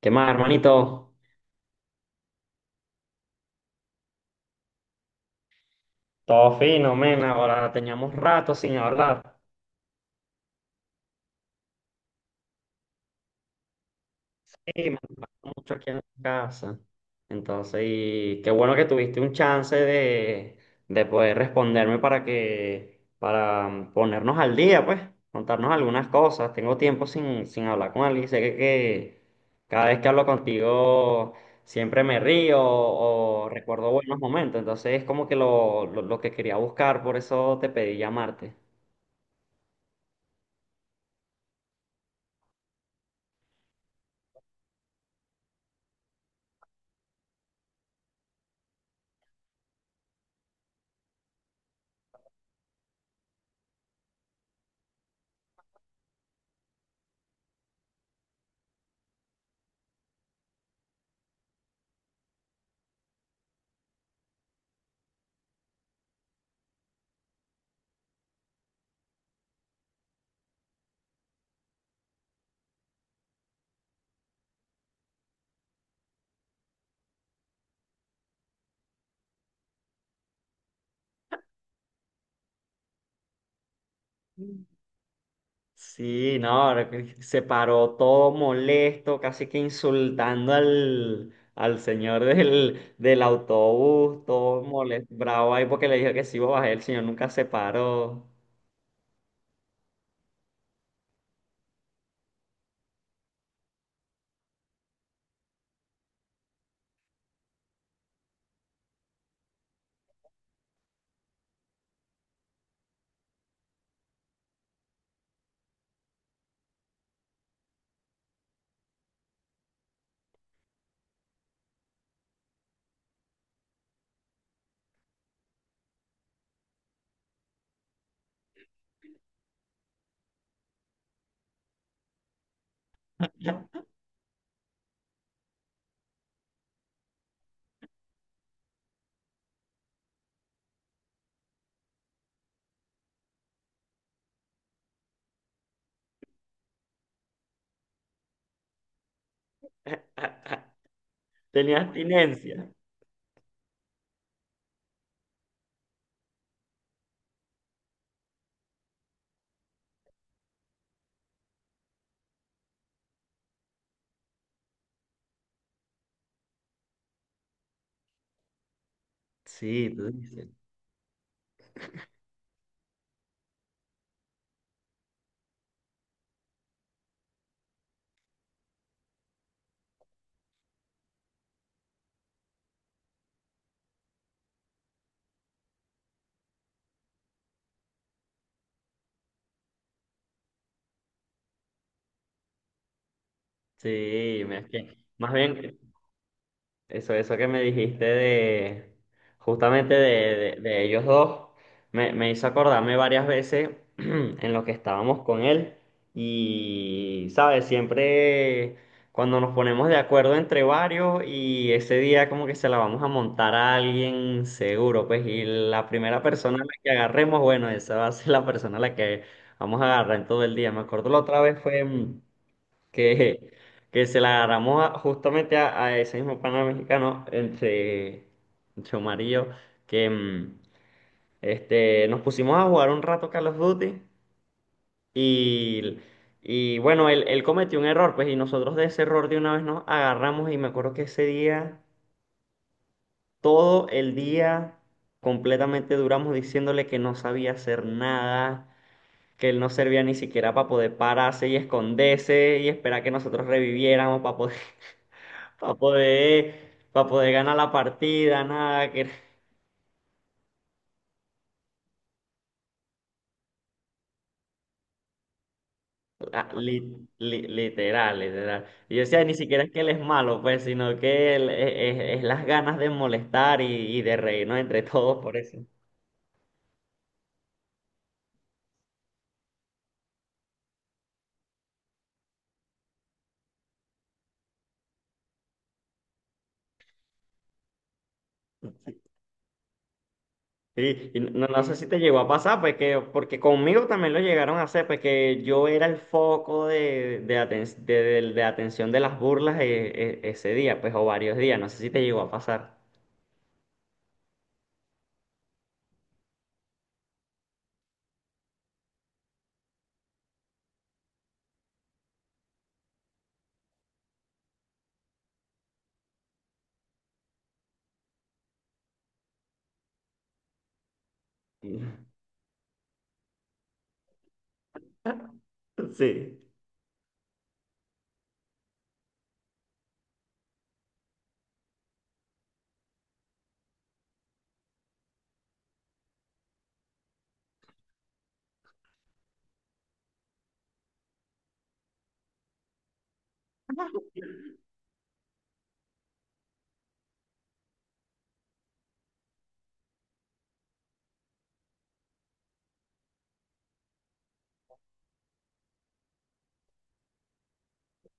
¿Qué más, hermanito? Todo fino, men. Ahora teníamos rato sin hablar. Y me pasa mucho aquí en la casa. Entonces, y qué bueno que tuviste un chance de poder responderme para que ponernos al día, pues, contarnos algunas cosas. Tengo tiempo sin hablar con alguien. Sé que cada vez que hablo contigo siempre me río o recuerdo buenos momentos. Entonces, es como que lo que quería buscar, por eso te pedí llamarte. Sí, no, ahora se paró todo molesto, casi que insultando al señor del autobús, todo molesto, bravo ahí porque le dijo que sí iba a bajar, el señor nunca se paró. Tenía abstinencia. Sí, tú dices. Sí, es que más bien eso, eso que me dijiste de justamente de ellos dos, me hizo acordarme varias veces en lo que estábamos con él. Y, ¿sabes? Siempre cuando nos ponemos de acuerdo entre varios y ese día como que se la vamos a montar a alguien seguro, pues, y la primera persona a la que agarremos, bueno, esa va a ser la persona a la que vamos a agarrar en todo el día. Me acuerdo la otra vez fue... que, que se la agarramos justamente a ese mismo pana mexicano entre, chomarillo que nos pusimos a jugar un rato Call of Duty y, y bueno, él cometió un error, pues, y nosotros de ese error de una vez nos agarramos y me acuerdo que ese día, todo el día completamente duramos diciéndole que no sabía hacer nada, que él no servía ni siquiera para poder pararse y esconderse y esperar que nosotros reviviéramos para poder, para poder, pa' poder ganar la partida, nada, que literal, literal. Y yo decía, ni siquiera es que él es malo, pues, sino que es las ganas de molestar y de reírnos entre todos por eso. Sí y no, no sé si te llegó a pasar, pues que, porque conmigo también lo llegaron a hacer, pues que yo era el foco de atención de las burlas ese día, pues, o varios días, no sé si te llegó a pasar. Sí.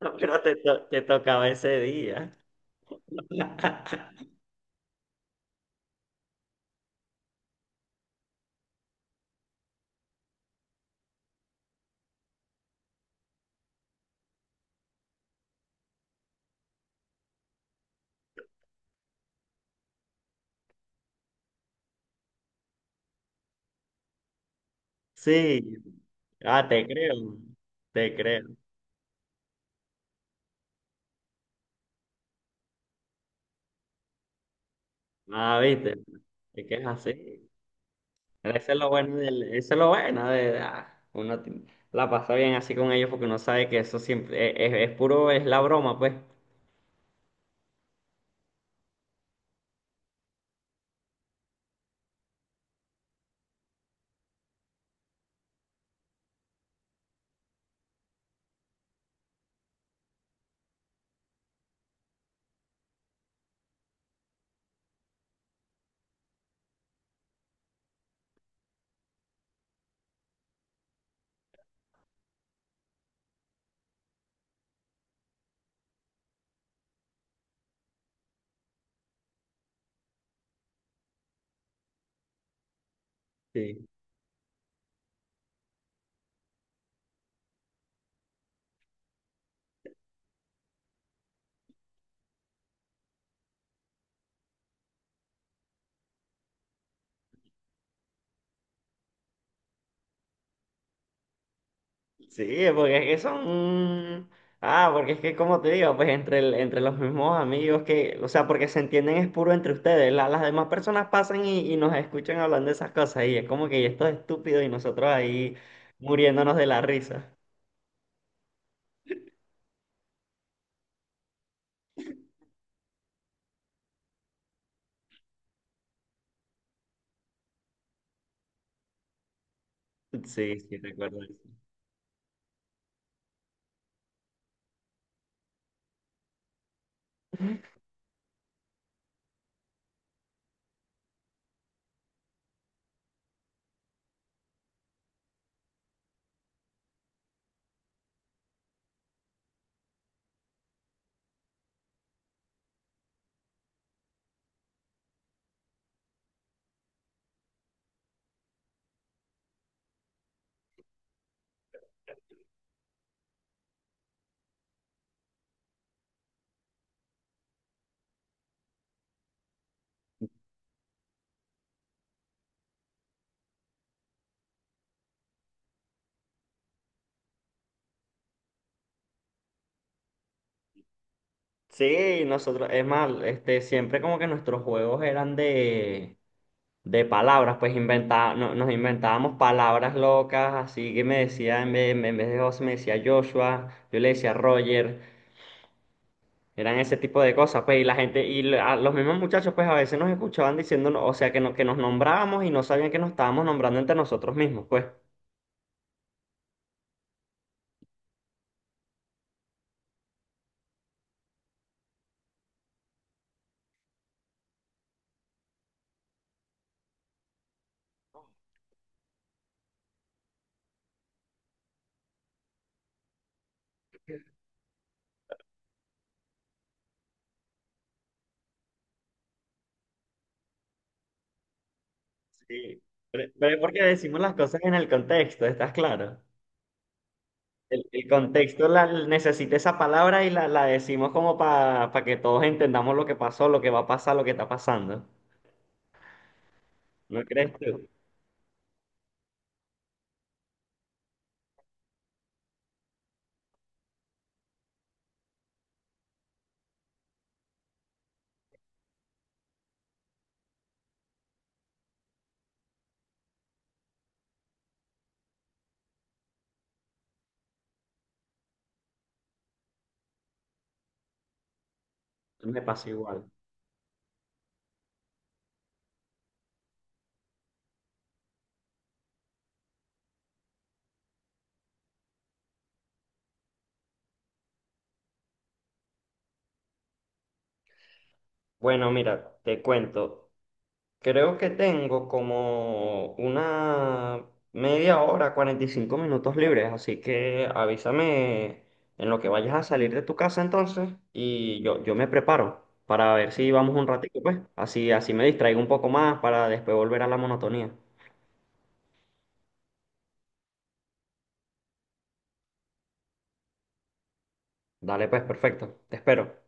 No, pero te tocaba ese día. Sí. Ah, te creo. Te creo. Ah, viste. Es que es así. Pero eso es lo bueno eso es lo bueno de, ah, la pasa bien así con ellos porque uno sabe que eso siempre es puro, es la broma, pues. Sí. Sí, porque es que son... Ah, porque es que como te digo, pues entre los mismos amigos que, o sea, porque se entienden es puro entre ustedes. Las demás personas pasan y nos escuchan hablando de esas cosas y es como que esto es estúpido y nosotros ahí muriéndonos de la risa. Sí, sí, recuerdo eso. Sí, nosotros, es más, este, siempre como que nuestros juegos eran de palabras, pues nos inventábamos palabras locas, así que me decía, en vez de José me decía Joshua, yo le decía Roger. Eran ese tipo de cosas, pues, y la gente, y los mismos muchachos, pues, a veces nos escuchaban diciéndonos, o sea, que, no, que nos nombrábamos y no sabían que nos estábamos nombrando entre nosotros mismos, pues. Sí, pero es porque decimos las cosas en el contexto, ¿estás claro? El contexto la, necesita esa palabra y la decimos como para que todos entendamos lo que pasó, lo que va a pasar, lo que está pasando. ¿No crees tú? Me pasa igual. Bueno, mira, te cuento. Creo que tengo como una media hora, 45 minutos libres, así que avísame en lo que vayas a salir de tu casa entonces y yo me preparo para ver si vamos un ratito, pues. Así, así me distraigo un poco más para después volver a la monotonía. Dale, pues, perfecto. Te espero.